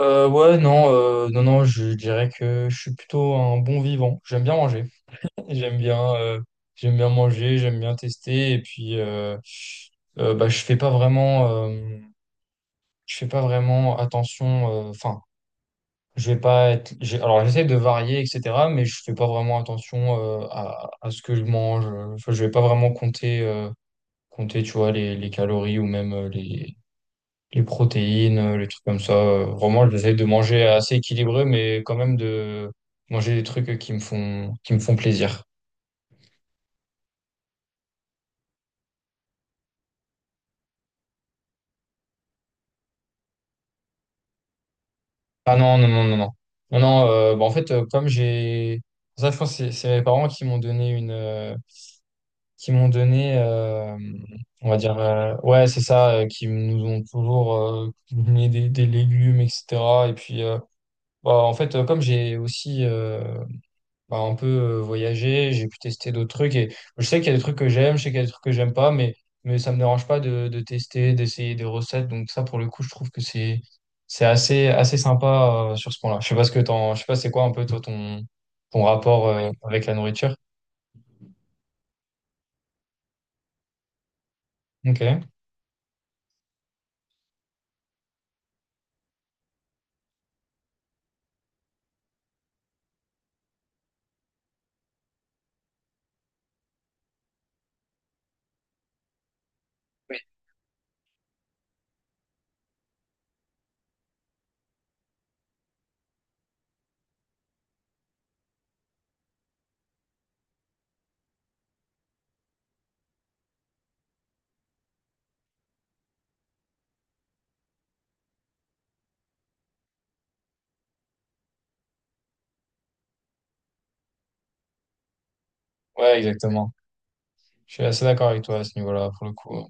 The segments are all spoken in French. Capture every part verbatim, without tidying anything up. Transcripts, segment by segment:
Euh, ouais, non, euh, non, non, je dirais que je suis plutôt un bon vivant. J'aime bien manger. J'aime bien, euh, j'aime bien manger, j'aime bien tester. Et puis, euh, euh, bah, je fais pas vraiment, euh, je fais pas vraiment attention. euh, Enfin, je vais pas être. j'ai- Alors, j'essaie de varier, et cetera. Mais je fais pas vraiment attention euh, à, à ce que je mange. Enfin, je vais pas vraiment compter, euh, compter, tu vois, les, les calories ou même euh, les les protéines, euh, les trucs comme ça. Euh, Vraiment, j'essaie de manger assez équilibré, mais quand même de manger des trucs qui me font, qui me font plaisir. Ah non, non, non, non, non. Non, non, euh, bah, en fait, euh, comme j'ai... Ça, je pense que c'est c'est mes parents qui m'ont donné une... euh, qui m'ont donné, euh, on va dire... euh, ouais, c'est ça, euh, qui nous ont toujours euh, donné des, des légumes, et cetera. Et puis, euh, bah, en fait, euh, comme j'ai aussi... euh, bah, un peu euh, voyager, j'ai pu tester d'autres trucs et je sais qu'il y a des trucs que j'aime, je sais qu'il y a des trucs que j'aime pas, mais, mais ça me dérange pas de, de tester, d'essayer des recettes. Donc ça, pour le coup, je trouve que c'est, c'est assez, assez sympa euh, sur ce point-là. Je sais pas ce que t'en, je sais pas c'est quoi un peu toi ton, ton rapport euh, avec la nourriture. Ok. Ouais, exactement. Je suis assez d'accord avec toi à ce niveau-là, pour le coup.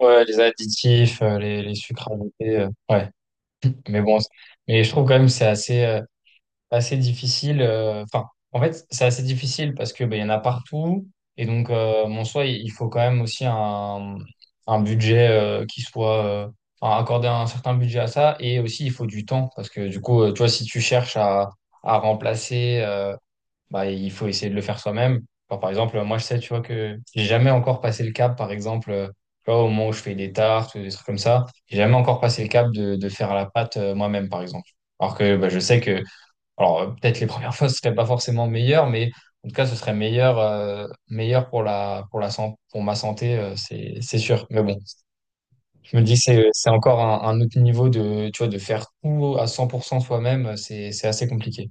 Ouais, les additifs, euh, les, les sucres ajoutés, euh, ouais. Mais bon, c'est- mais je trouve quand même que c'est assez, euh, assez difficile. euh, Enfin, en fait, c'est assez difficile parce que ben, il y en a partout. Et donc, euh, mon soi, il il faut quand même aussi un, un budget euh, qui soit. euh, enfin, accorder un certain budget à ça. Et aussi, il faut du temps parce que du coup, euh, tu vois, si tu cherches à, à remplacer, euh, bah, il faut essayer de le faire soi-même. Enfin, par exemple, moi, je sais, tu vois, que j'ai jamais encore passé le cap, par exemple. euh, Tu vois, au moment où je fais des tartes ou des trucs comme ça, j'ai jamais encore passé le cap de, de faire à la pâte euh, moi-même, par exemple. Alors que bah, je sais que alors, euh, peut-être les premières fois, ce serait pas forcément meilleur, mais en tout cas, ce serait meilleur, euh, meilleur pour la, pour la, san- pour ma santé, euh, c'est, c'est sûr. Mais bon, je me dis, c'est, c'est encore un, un autre niveau de, tu vois, de faire tout à cent pour cent soi-même, euh, c'est, c'est assez compliqué.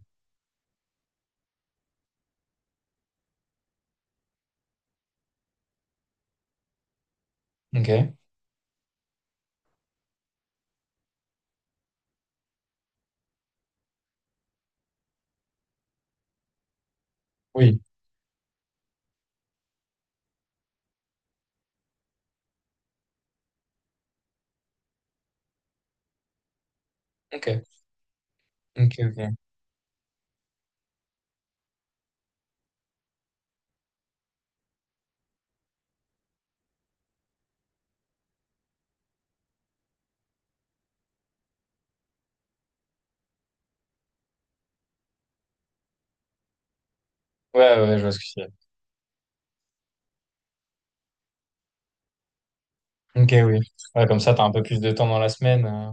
Ok. Oui. Ok. Ok, ok. Ouais, ouais, ouais, je vois ce que tu veux dire. Ok, oui. Ouais, comme ça, t'as un peu plus de temps dans la semaine. euh.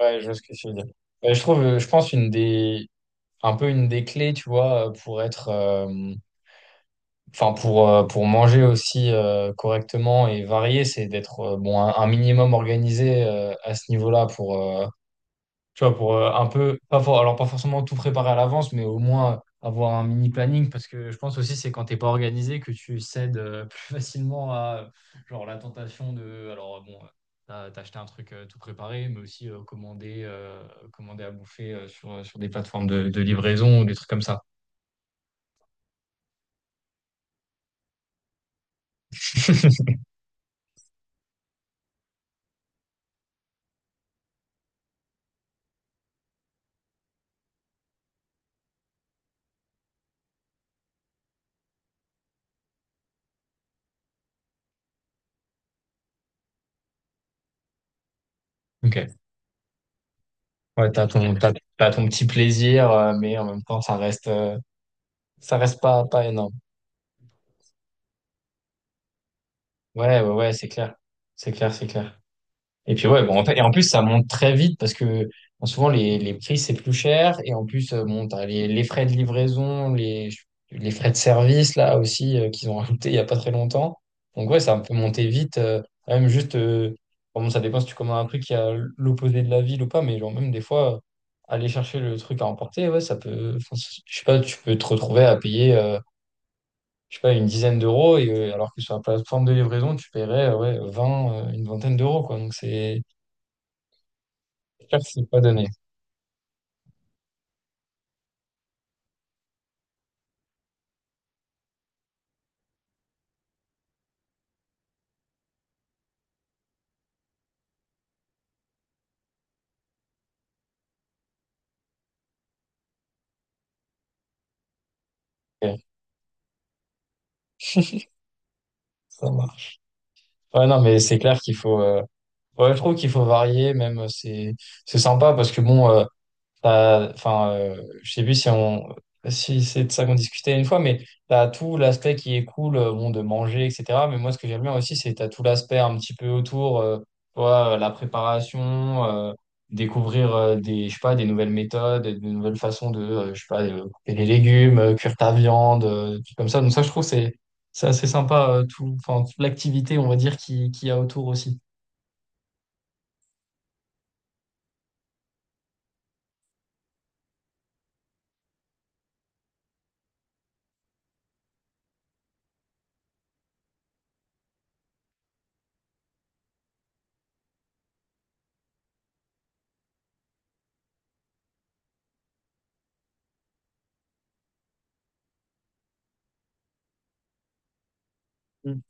Ouais, je vois ce que tu veux dire. Ouais, je trouve, euh, je pense, une des, un peu une des clés, tu vois, euh, pour être, euh, Enfin, pour, euh, pour manger aussi euh, correctement et varier, c'est d'être euh, bon, un, un minimum organisé euh, à ce niveau-là pour, euh, tu vois, pour euh, un peu, pas for- alors pas forcément tout préparer à l'avance, mais au moins avoir un mini planning parce que je pense aussi c'est quand t'es pas organisé que tu cèdes euh, plus facilement à genre la tentation de, alors bon, euh, t'as, t'as acheté un truc euh, tout préparé, mais aussi euh, commander, euh, commander à bouffer euh, sur, sur des plateformes de, de livraison ou des trucs comme ça. Ok. Ouais, t'as ton, t'as, t'as ton petit plaisir, euh, mais en même temps, ça reste, euh, ça reste pas, pas énorme. Ouais, ouais, ouais, c'est clair. C'est clair, c'est clair. Et puis ouais, bon, en fait, et en plus ça monte très vite parce que bon, souvent les, les prix c'est plus cher et en plus euh, bon t'as les, les frais de livraison, les, les frais de service là aussi euh, qu'ils ont rajouté il y a pas très longtemps. Donc ouais, ça peut monter vite, euh, même juste euh, bon ça dépend si tu commandes un truc qui a l'opposé de la ville ou pas, mais genre même des fois euh, aller chercher le truc à emporter, ouais ça peut, enfin, c- je sais pas, tu peux te retrouver à payer euh, je sais pas une dizaine d'euros et euh, alors que sur la plateforme de livraison tu paierais euh, ouais vingt euh, une vingtaine d'euros quoi, donc c'est c'est clair que c'est pas donné. Ok, ça marche. Ouais, non, mais c'est clair qu'il faut. euh, Ouais, je trouve qu'il faut varier, même euh, c'est c'est sympa parce que bon, euh, T'as- Enfin, euh, je sais plus si on, si c'est de ça qu'on discutait une fois, mais t'as tout l'aspect qui est cool, euh, bon, de manger, et cetera. Mais moi, ce que j'aime bien aussi, c'est t'as tout l'aspect un petit peu autour, euh, tu vois, euh, la préparation, euh, découvrir euh, des, je sais pas, des nouvelles méthodes, des nouvelles façons de, euh, je sais pas, euh, couper les légumes, euh, cuire ta viande, euh, des trucs comme ça. Donc ça, je trouve, c'est, c'est assez sympa, euh, tout, enfin, toute l'activité, on va dire, qui, qu'il y a autour aussi. Mm.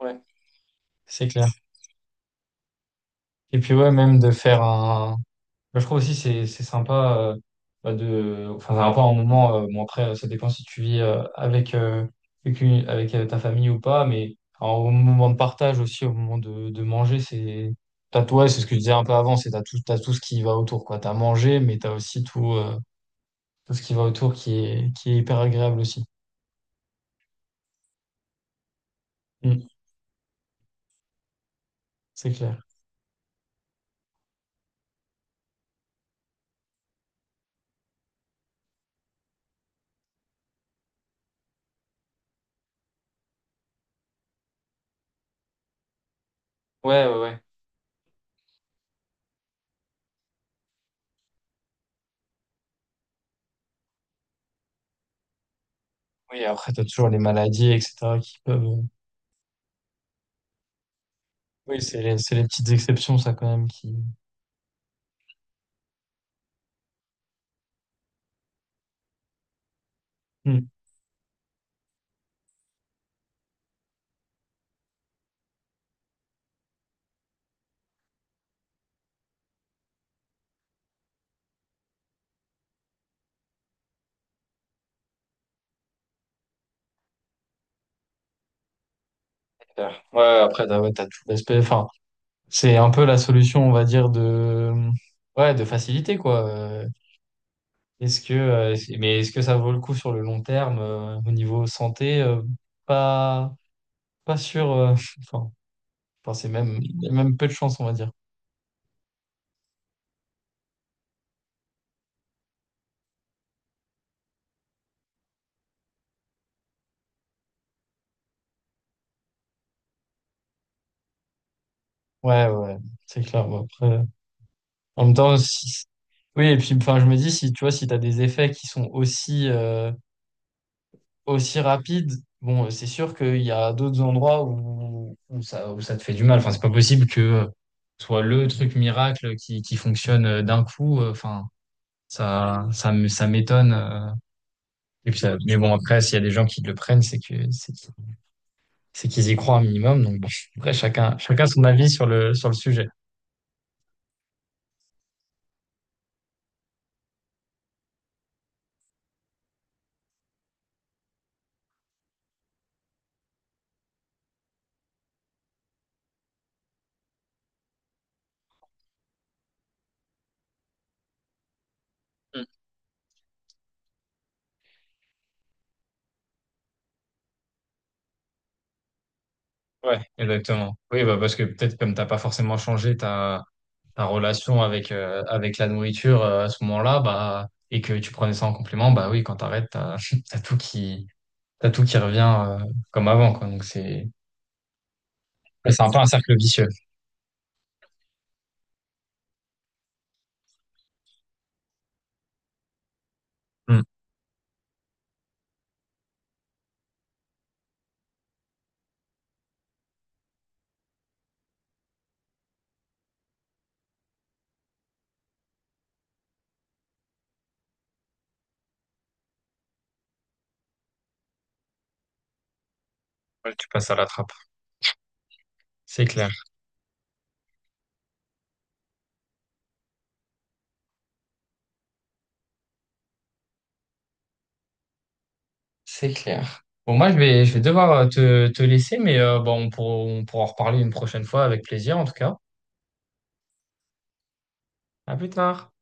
Ouais, c'est clair. Et puis ouais, même de faire un Moi, je trouve aussi c'est c'est sympa euh, bah, de enfin c'est sympa un moment euh, bon après euh, ça dépend si tu vis euh, avec euh, avec, une- avec, euh, ta famille ou pas mais alors, au moment de partage aussi au moment de, de manger c'est t'as toi c'est ce que je disais un peu avant c'est t'as tout t'as tout ce qui va autour quoi t'as mangé mais t'as aussi tout euh, tout ce qui va autour qui est qui est hyper agréable aussi. Mm. C'est clair. Ouais, ouais, ouais. Oui, après t'as toujours les maladies etc qui peuvent euh, oui c'est les, c'est les petites exceptions ça quand même qui. Mm. Clair. Ouais, après, t'as ouais, t'as tout l'aspect. Enfin, c'est un peu la solution, on va dire, de, ouais, de facilité, quoi. Euh, Est-ce que, euh, c'est- mais est-ce que ça vaut le coup sur le long terme, euh, au niveau santé? euh, pas, pas sûr. euh, enfin, enfin, c'est même, il y a même peu de chance, on va dire. Ouais, ouais, ouais, c'est clair. Bon, après, en même temps, si- oui, et puis, enfin, je me dis, si tu vois, si t'as des effets qui sont aussi, euh, aussi rapide, bon, euh, c'est sûr qu'il y a d'autres endroits où, où ça, où ça te fait du mal. Enfin, c'est pas possible que euh, ce soit le truc miracle qui, qui fonctionne euh, d'un coup. Euh, Enfin, ça, ça, me- ça m'étonne. euh. Et puis, ça- mais bon, après, s'il y a des gens qui le prennent, c'est que, c'est qu'ils c'est qu'ils y croient un minimum. Donc, bon, après, chacun, chacun son avis sur le, sur le sujet. Mm. Ouais, exactement. Oui, bah, parce que peut-être comme t'as pas forcément changé, t'as ta relation avec, euh, avec la nourriture euh, à ce moment-là, bah, et que tu prenais ça en complément, bah oui, quand t'arrêtes, t'as, t'as tout qui, t'as tout qui revient euh, comme avant, quoi. Donc c'est, ouais, c'est un peu un cercle vicieux. Hmm. Ouais, tu passes à la trappe. C'est clair. C'est clair. Bon, moi, je vais, je vais devoir euh, te, te laisser, mais euh, bon, on pourra, on pourra en reparler une prochaine fois avec plaisir, en tout cas. À plus tard.